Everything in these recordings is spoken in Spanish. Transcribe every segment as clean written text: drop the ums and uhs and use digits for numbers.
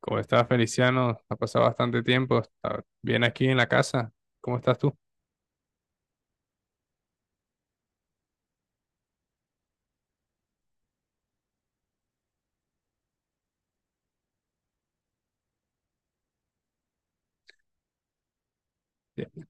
¿Cómo estás, Feliciano? Ha pasado bastante tiempo. ¿Está bien aquí en la casa? ¿Cómo estás tú? Bien.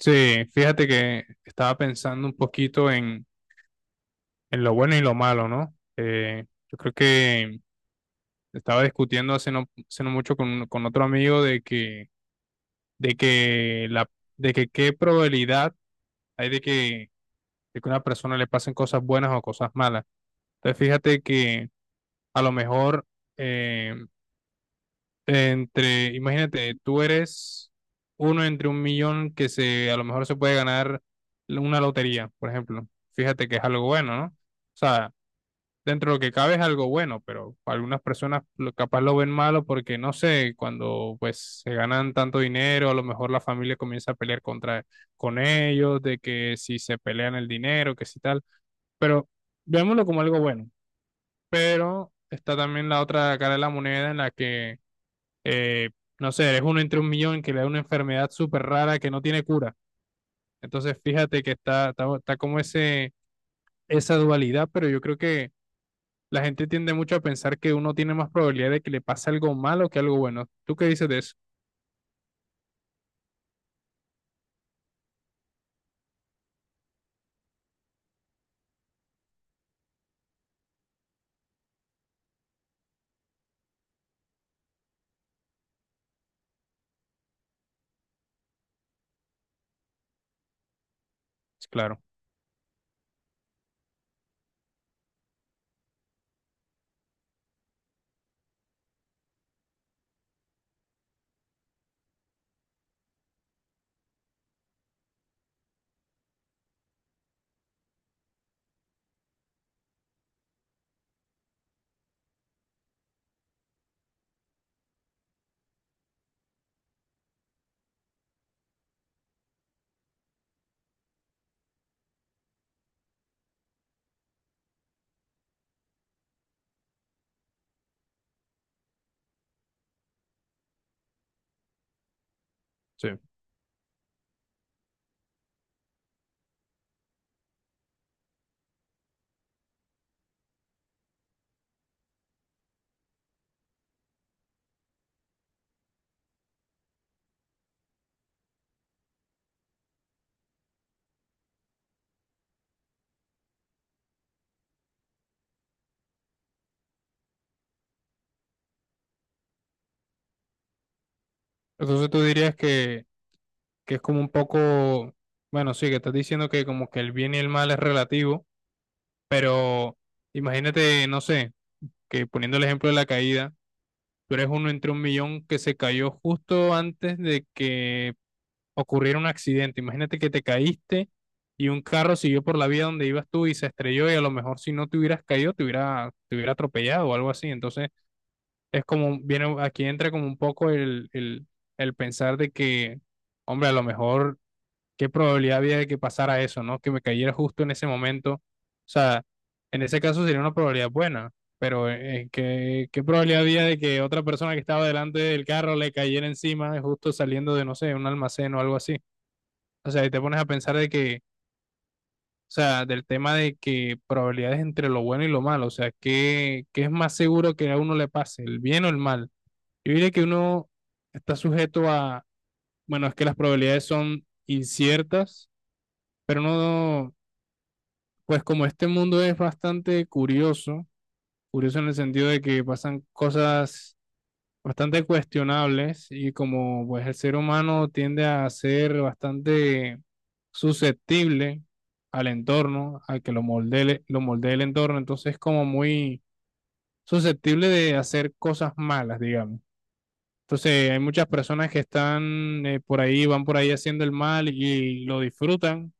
Sí, fíjate que estaba pensando un poquito en lo bueno y lo malo, ¿no? Yo creo que estaba discutiendo hace no mucho con otro amigo de que, de que la, de que qué probabilidad hay de que a una persona le pasen cosas buenas o cosas malas. Entonces, fíjate que a lo mejor eh, imagínate, tú eres uno entre un millón que se, a lo mejor se puede ganar una lotería, por ejemplo. Fíjate que es algo bueno, ¿no? O sea, dentro de lo que cabe es algo bueno, pero algunas personas capaz lo ven malo porque, no sé, cuando pues se ganan tanto dinero, a lo mejor la familia comienza a pelear contra, con ellos, de que si se pelean el dinero, que si tal, pero veámoslo como algo bueno. Pero está también la otra cara de la moneda en la que eh, no sé, eres uno entre un millón que le da una enfermedad súper rara que no tiene cura. Entonces, fíjate que está como ese, esa dualidad, pero yo creo que la gente tiende mucho a pensar que uno tiene más probabilidad de que le pase algo malo que algo bueno. ¿Tú qué dices de eso? Claro, sí. Entonces tú dirías que es como un poco, bueno, sí, que estás diciendo que como que el bien y el mal es relativo, pero imagínate, no sé, que poniendo el ejemplo de la caída, tú eres uno entre un millón que se cayó justo antes de que ocurriera un accidente. Imagínate que te caíste y un carro siguió por la vía donde ibas tú y se estrelló y a lo mejor si no te hubieras caído te hubiera atropellado o algo así. Entonces es como, viene, aquí entra como un poco el pensar de que, hombre, a lo mejor ¿qué probabilidad había de que pasara eso, ¿no? Que me cayera justo en ese momento. O sea, en ese caso sería una probabilidad buena, pero ¿qué probabilidad había de que otra persona que estaba delante del carro le cayera encima justo saliendo de, no sé, un almacén o algo así? O sea, y te pones a pensar de que, o sea, del tema de que probabilidades entre lo bueno y lo malo, o sea, ¿qué es más seguro que a uno le pase, el bien o el mal? Yo diría que uno está sujeto a, bueno, es que las probabilidades son inciertas, pero no pues como este mundo es bastante curioso, curioso en el sentido de que pasan cosas bastante cuestionables y como pues el ser humano tiende a ser bastante susceptible al entorno, al que lo moldee el entorno, entonces como muy susceptible de hacer cosas malas, digamos. Entonces hay muchas personas que están por ahí, van por ahí haciendo el mal y lo disfrutan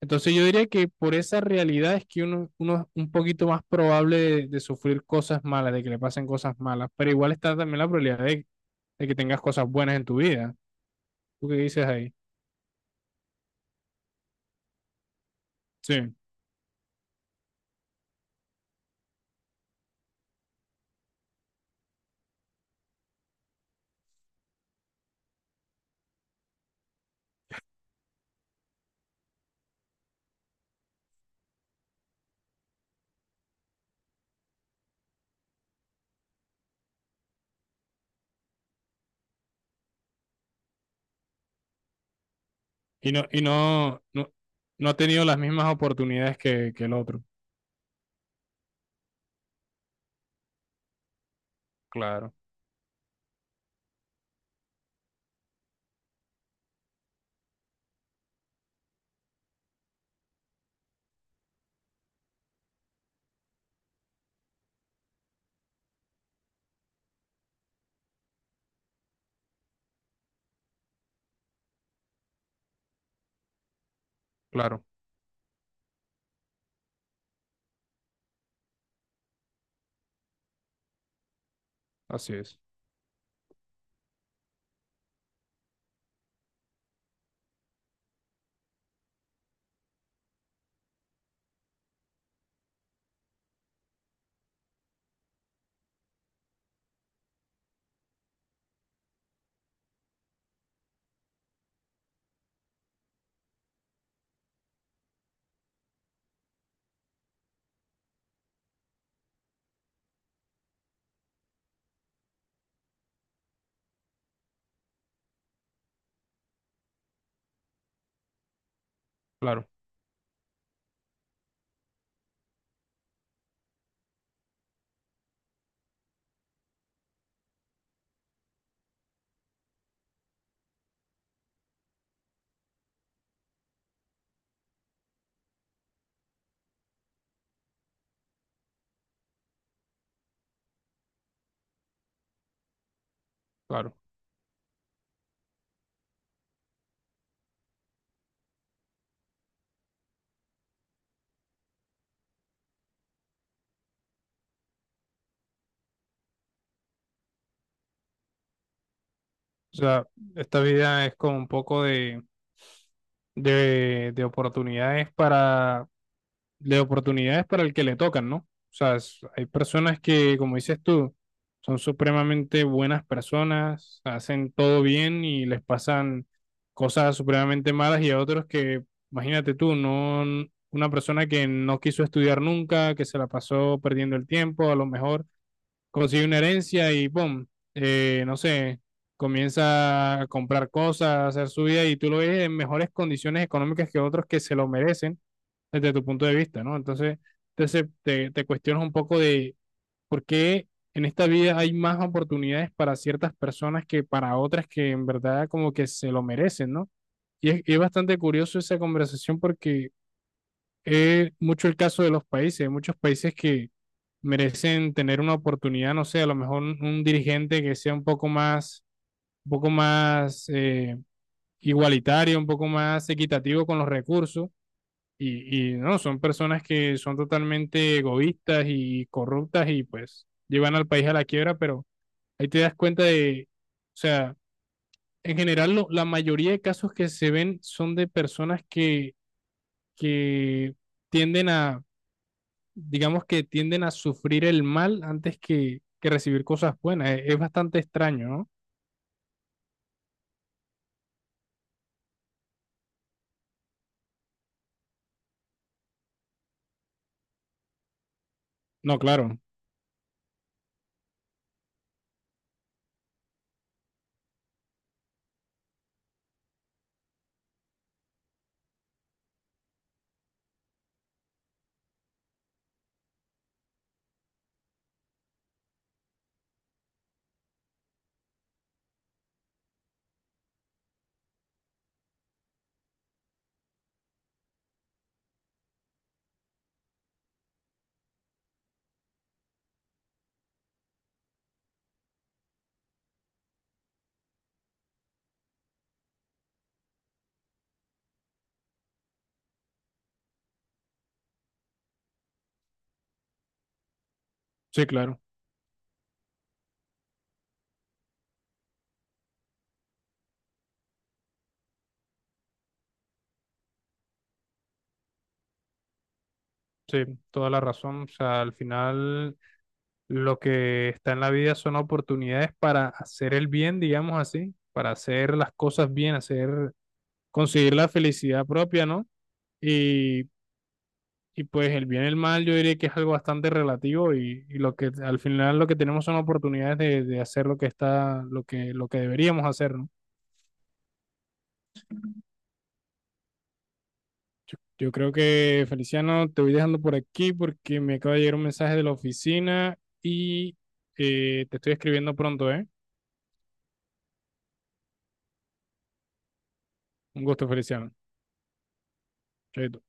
entonces yo diría que por esa realidad es que uno es un poquito más probable de sufrir cosas malas, de que le pasen cosas malas, pero igual está también la probabilidad de que tengas cosas buenas en tu vida. ¿Tú qué dices ahí? Sí. Y no, y no, no, no ha tenido las mismas oportunidades que el otro. Claro, claro, así es. Claro, claro. O sea, esta vida es como un poco de, de oportunidades para de oportunidades para el que le tocan, ¿no? O sea, hay personas que, como dices tú, son supremamente buenas personas, hacen todo bien y les pasan cosas supremamente malas y a otros que, imagínate tú, no, una persona que no quiso estudiar nunca, que se la pasó perdiendo el tiempo, a lo mejor consigue una herencia y ¡pum! No sé, comienza a comprar cosas, a hacer su vida y tú lo ves en mejores condiciones económicas que otros que se lo merecen desde tu punto de vista, ¿no? Entonces te, te cuestionas un poco de por qué en esta vida hay más oportunidades para ciertas personas que para otras que en verdad como que se lo merecen, ¿no? Y es bastante curioso esa conversación porque es mucho el caso de los países, hay muchos países que merecen tener una oportunidad, no sé, a lo mejor un dirigente que sea un poco más igualitario, un poco más equitativo con los recursos y no, son personas que son totalmente egoístas y corruptas y pues llevan al país a la quiebra, pero ahí te das cuenta de, o sea, en general la mayoría de casos que se ven son de personas que tienden a, digamos que tienden a sufrir el mal antes que recibir cosas buenas. Es bastante extraño, ¿no? No, claro, sí, claro, sí, toda la razón. O sea, al final lo que está en la vida son oportunidades para hacer el bien, digamos así, para hacer las cosas bien, hacer, conseguir la felicidad propia, ¿no? Y, y pues el bien y el mal yo diría que es algo bastante relativo y lo que al final lo que tenemos son oportunidades de hacer lo que está, lo que deberíamos hacer, ¿no? Yo creo que, Feliciano, te voy dejando por aquí porque me acaba de llegar un mensaje de la oficina y te estoy escribiendo pronto, ¿eh? Un gusto, Feliciano. Chaito.